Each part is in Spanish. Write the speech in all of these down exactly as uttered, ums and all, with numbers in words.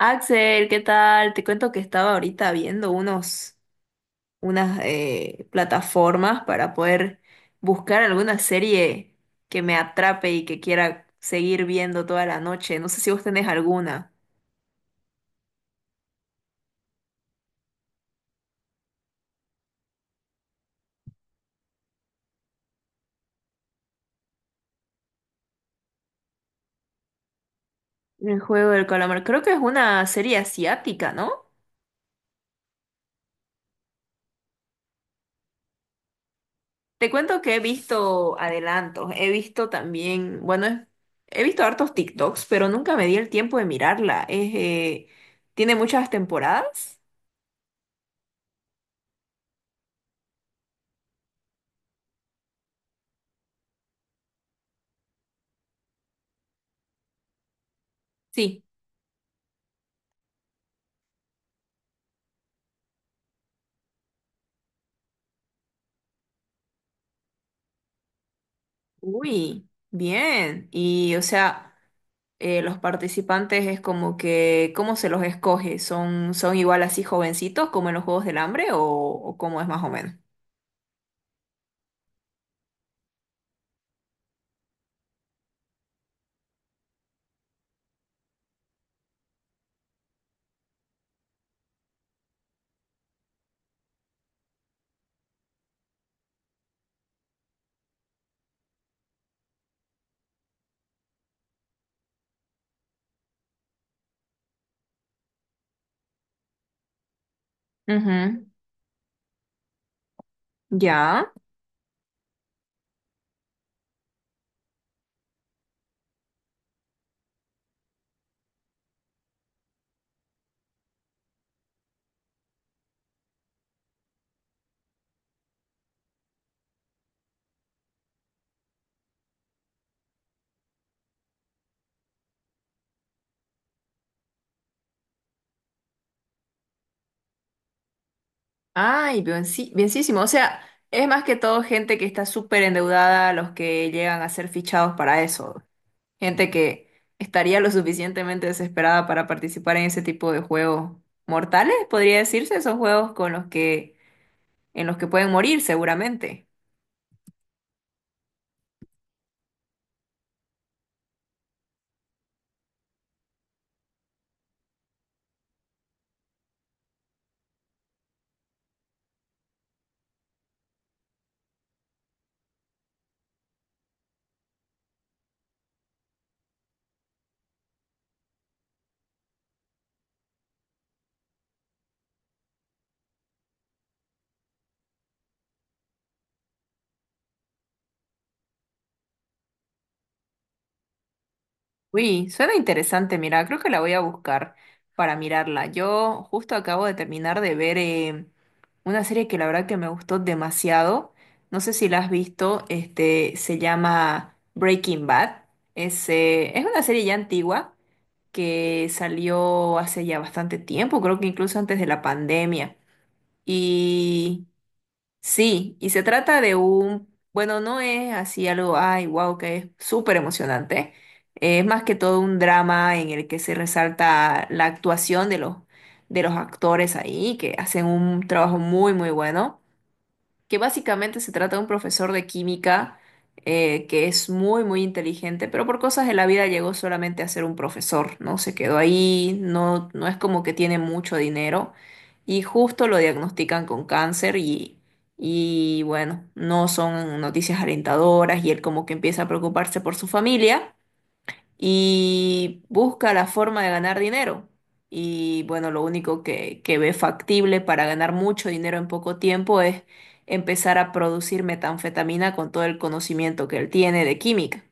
Axel, ¿qué tal? Te cuento que estaba ahorita viendo unos, unas eh, plataformas para poder buscar alguna serie que me atrape y que quiera seguir viendo toda la noche. No sé si vos tenés alguna. El juego del calamar. Creo que es una serie asiática, ¿no? Te cuento que he visto adelantos. He visto también, bueno, es- he visto hartos TikToks, pero nunca me di el tiempo de mirarla. Es, eh, ¿tiene muchas temporadas? Sí. Uy, bien. Y o sea, eh, los participantes es como que, ¿cómo se los escoge? ¿Son, son igual así jovencitos como en los Juegos del Hambre o, o cómo es más o menos? Ujú. Ya. Ay, bien, sí, bienísimo. O sea, es más que todo gente que está súper endeudada, los que llegan a ser fichados para eso. Gente que estaría lo suficientemente desesperada para participar en ese tipo de juegos mortales, podría decirse. Son juegos con los que, en los que pueden morir seguramente. Uy, suena interesante, mira, creo que la voy a buscar para mirarla. Yo justo acabo de terminar de ver eh, una serie que la verdad que me gustó demasiado. No sé si la has visto, este, se llama Breaking Bad. Es, eh, es una serie ya antigua que salió hace ya bastante tiempo, creo que incluso antes de la pandemia. Y sí, y se trata de un, bueno, no es así algo, ay, wow, que es súper emocionante. Es más que todo un drama en el que se resalta la actuación de los, de los actores ahí, que hacen un trabajo muy, muy bueno, que básicamente se trata de un profesor de química eh, que es muy, muy inteligente, pero por cosas de la vida llegó solamente a ser un profesor, ¿no? Se quedó ahí, no, no es como que tiene mucho dinero, y justo lo diagnostican con cáncer y, y bueno, no son noticias alentadoras y él como que empieza a preocuparse por su familia y busca la forma de ganar dinero. Y bueno, lo único que, que ve factible para ganar mucho dinero en poco tiempo es empezar a producir metanfetamina con todo el conocimiento que él tiene de química.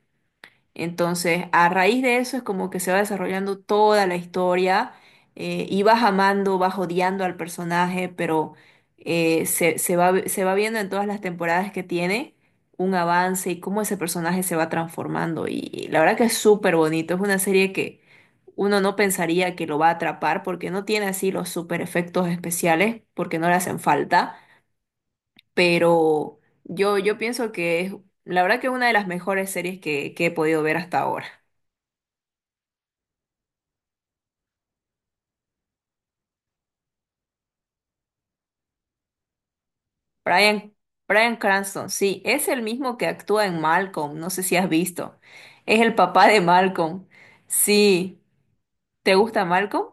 Entonces, a raíz de eso es como que se va desarrollando toda la historia, eh, y vas amando, vas odiando al personaje, pero eh, se, se va, se va viendo en todas las temporadas que tiene un avance y cómo ese personaje se va transformando. Y la verdad que es súper bonito, es una serie que uno no pensaría que lo va a atrapar porque no tiene así los super efectos especiales, porque no le hacen falta, pero yo, yo pienso que es la verdad que una de las mejores series que que he podido ver hasta ahora. Brian, Brian Cranston, sí, es el mismo que actúa en Malcolm, no sé si has visto. Es el papá de Malcolm. Sí, ¿te gusta Malcolm?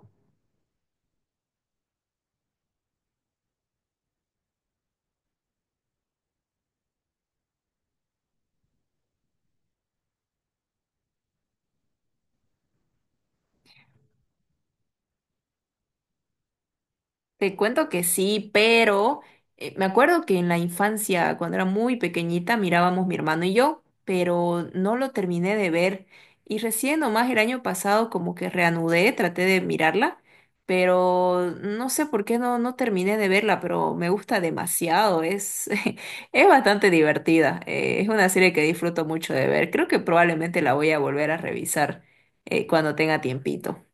Te cuento que sí, pero eh, me acuerdo que en la infancia, cuando era muy pequeñita, mirábamos mi hermano y yo, pero no lo terminé de ver. Y recién nomás el año pasado como que reanudé, traté de mirarla, pero no sé por qué no, no terminé de verla, pero me gusta demasiado, es, es bastante divertida. Eh, es una serie que disfruto mucho de ver. Creo que probablemente la voy a volver a revisar eh, cuando tenga tiempito.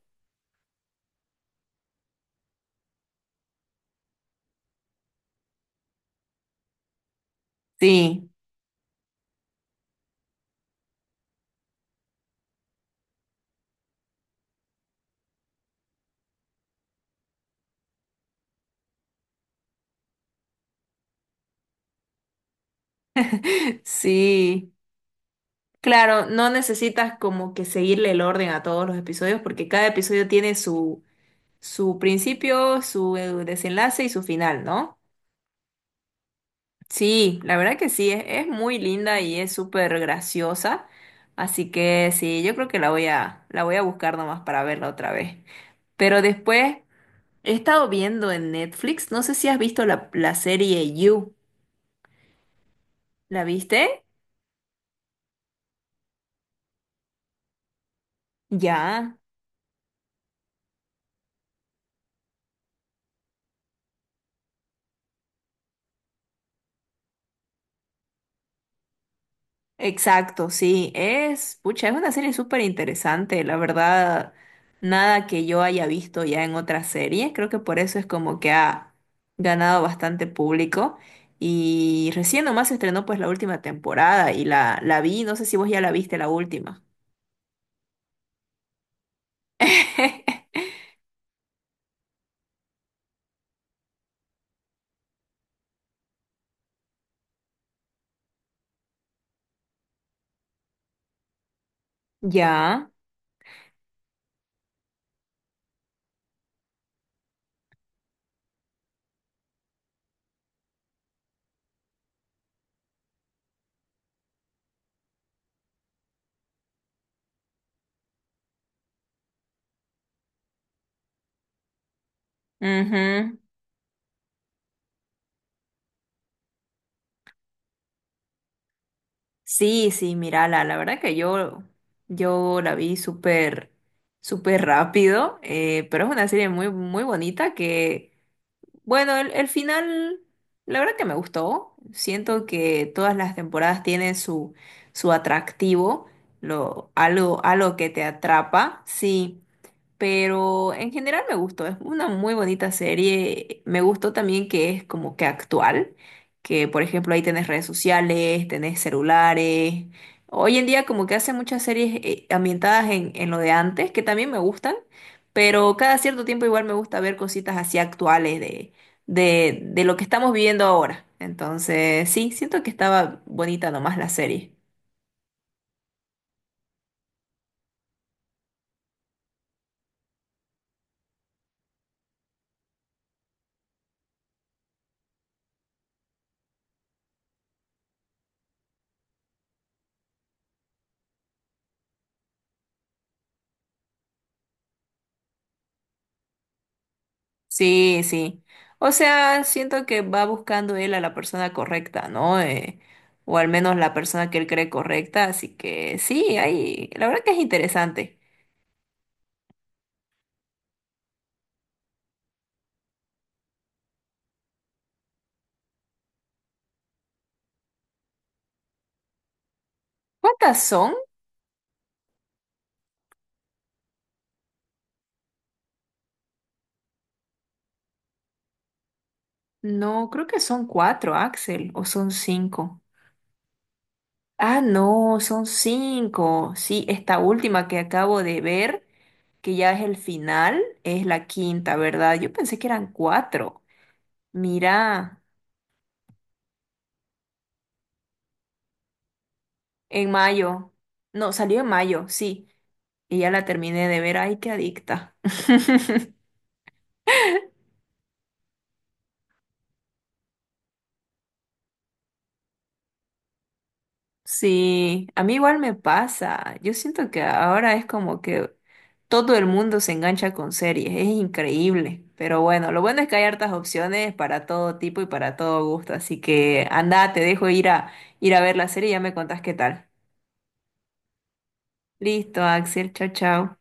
Sí, sí. Claro, no necesitas como que seguirle el orden a todos los episodios porque cada episodio tiene su, su principio, su eh, desenlace y su final, ¿no? Sí, la verdad que sí, es, es muy linda y es súper graciosa, así que sí, yo creo que la voy a, la voy a buscar nomás para verla otra vez. Pero después he estado viendo en Netflix, no sé si has visto la, la serie You, ¿la viste? Ya. Exacto, sí, es, pucha, es una serie súper interesante, la verdad, nada que yo haya visto ya en otras series, creo que por eso es como que ha ganado bastante público, y recién nomás se estrenó pues la última temporada y la, la vi, no sé si vos ya la viste la última. Ya, ujú. Sí, sí, mírala, la verdad que yo, yo la vi súper, súper rápido, eh, pero es una serie muy, muy bonita que bueno, el, el final, la verdad que me gustó. Siento que todas las temporadas tienen su, su atractivo, lo, algo, algo que te atrapa. Sí. Pero en general me gustó, es una muy bonita serie. Me gustó también que es como que actual, que por ejemplo ahí tenés redes sociales, tenés celulares. Hoy en día como que hacen muchas series eh, ambientadas en, en lo de antes, que también me gustan, pero cada cierto tiempo igual me gusta ver cositas así actuales de, de, de lo que estamos viviendo ahora. Entonces sí, siento que estaba bonita nomás la serie. Sí, sí. O sea, siento que va buscando él a la persona correcta, ¿no? Eh, o al menos la persona que él cree correcta. Así que sí, ahí, la verdad que es interesante. ¿Cuántas son? No, creo que son cuatro, Axel, o son cinco. Ah, no, son cinco. Sí, esta última que acabo de ver, que ya es el final, es la quinta, ¿verdad? Yo pensé que eran cuatro. Mira, en mayo. No, salió en mayo, sí. Y ya la terminé de ver, ay, qué adicta. Sí, a mí igual me pasa. Yo siento que ahora es como que todo el mundo se engancha con series, es increíble. Pero bueno, lo bueno es que hay hartas opciones para todo tipo y para todo gusto, así que anda, te dejo ir a ir a ver la serie y ya me contás qué tal. Listo, Axel, chao, chao.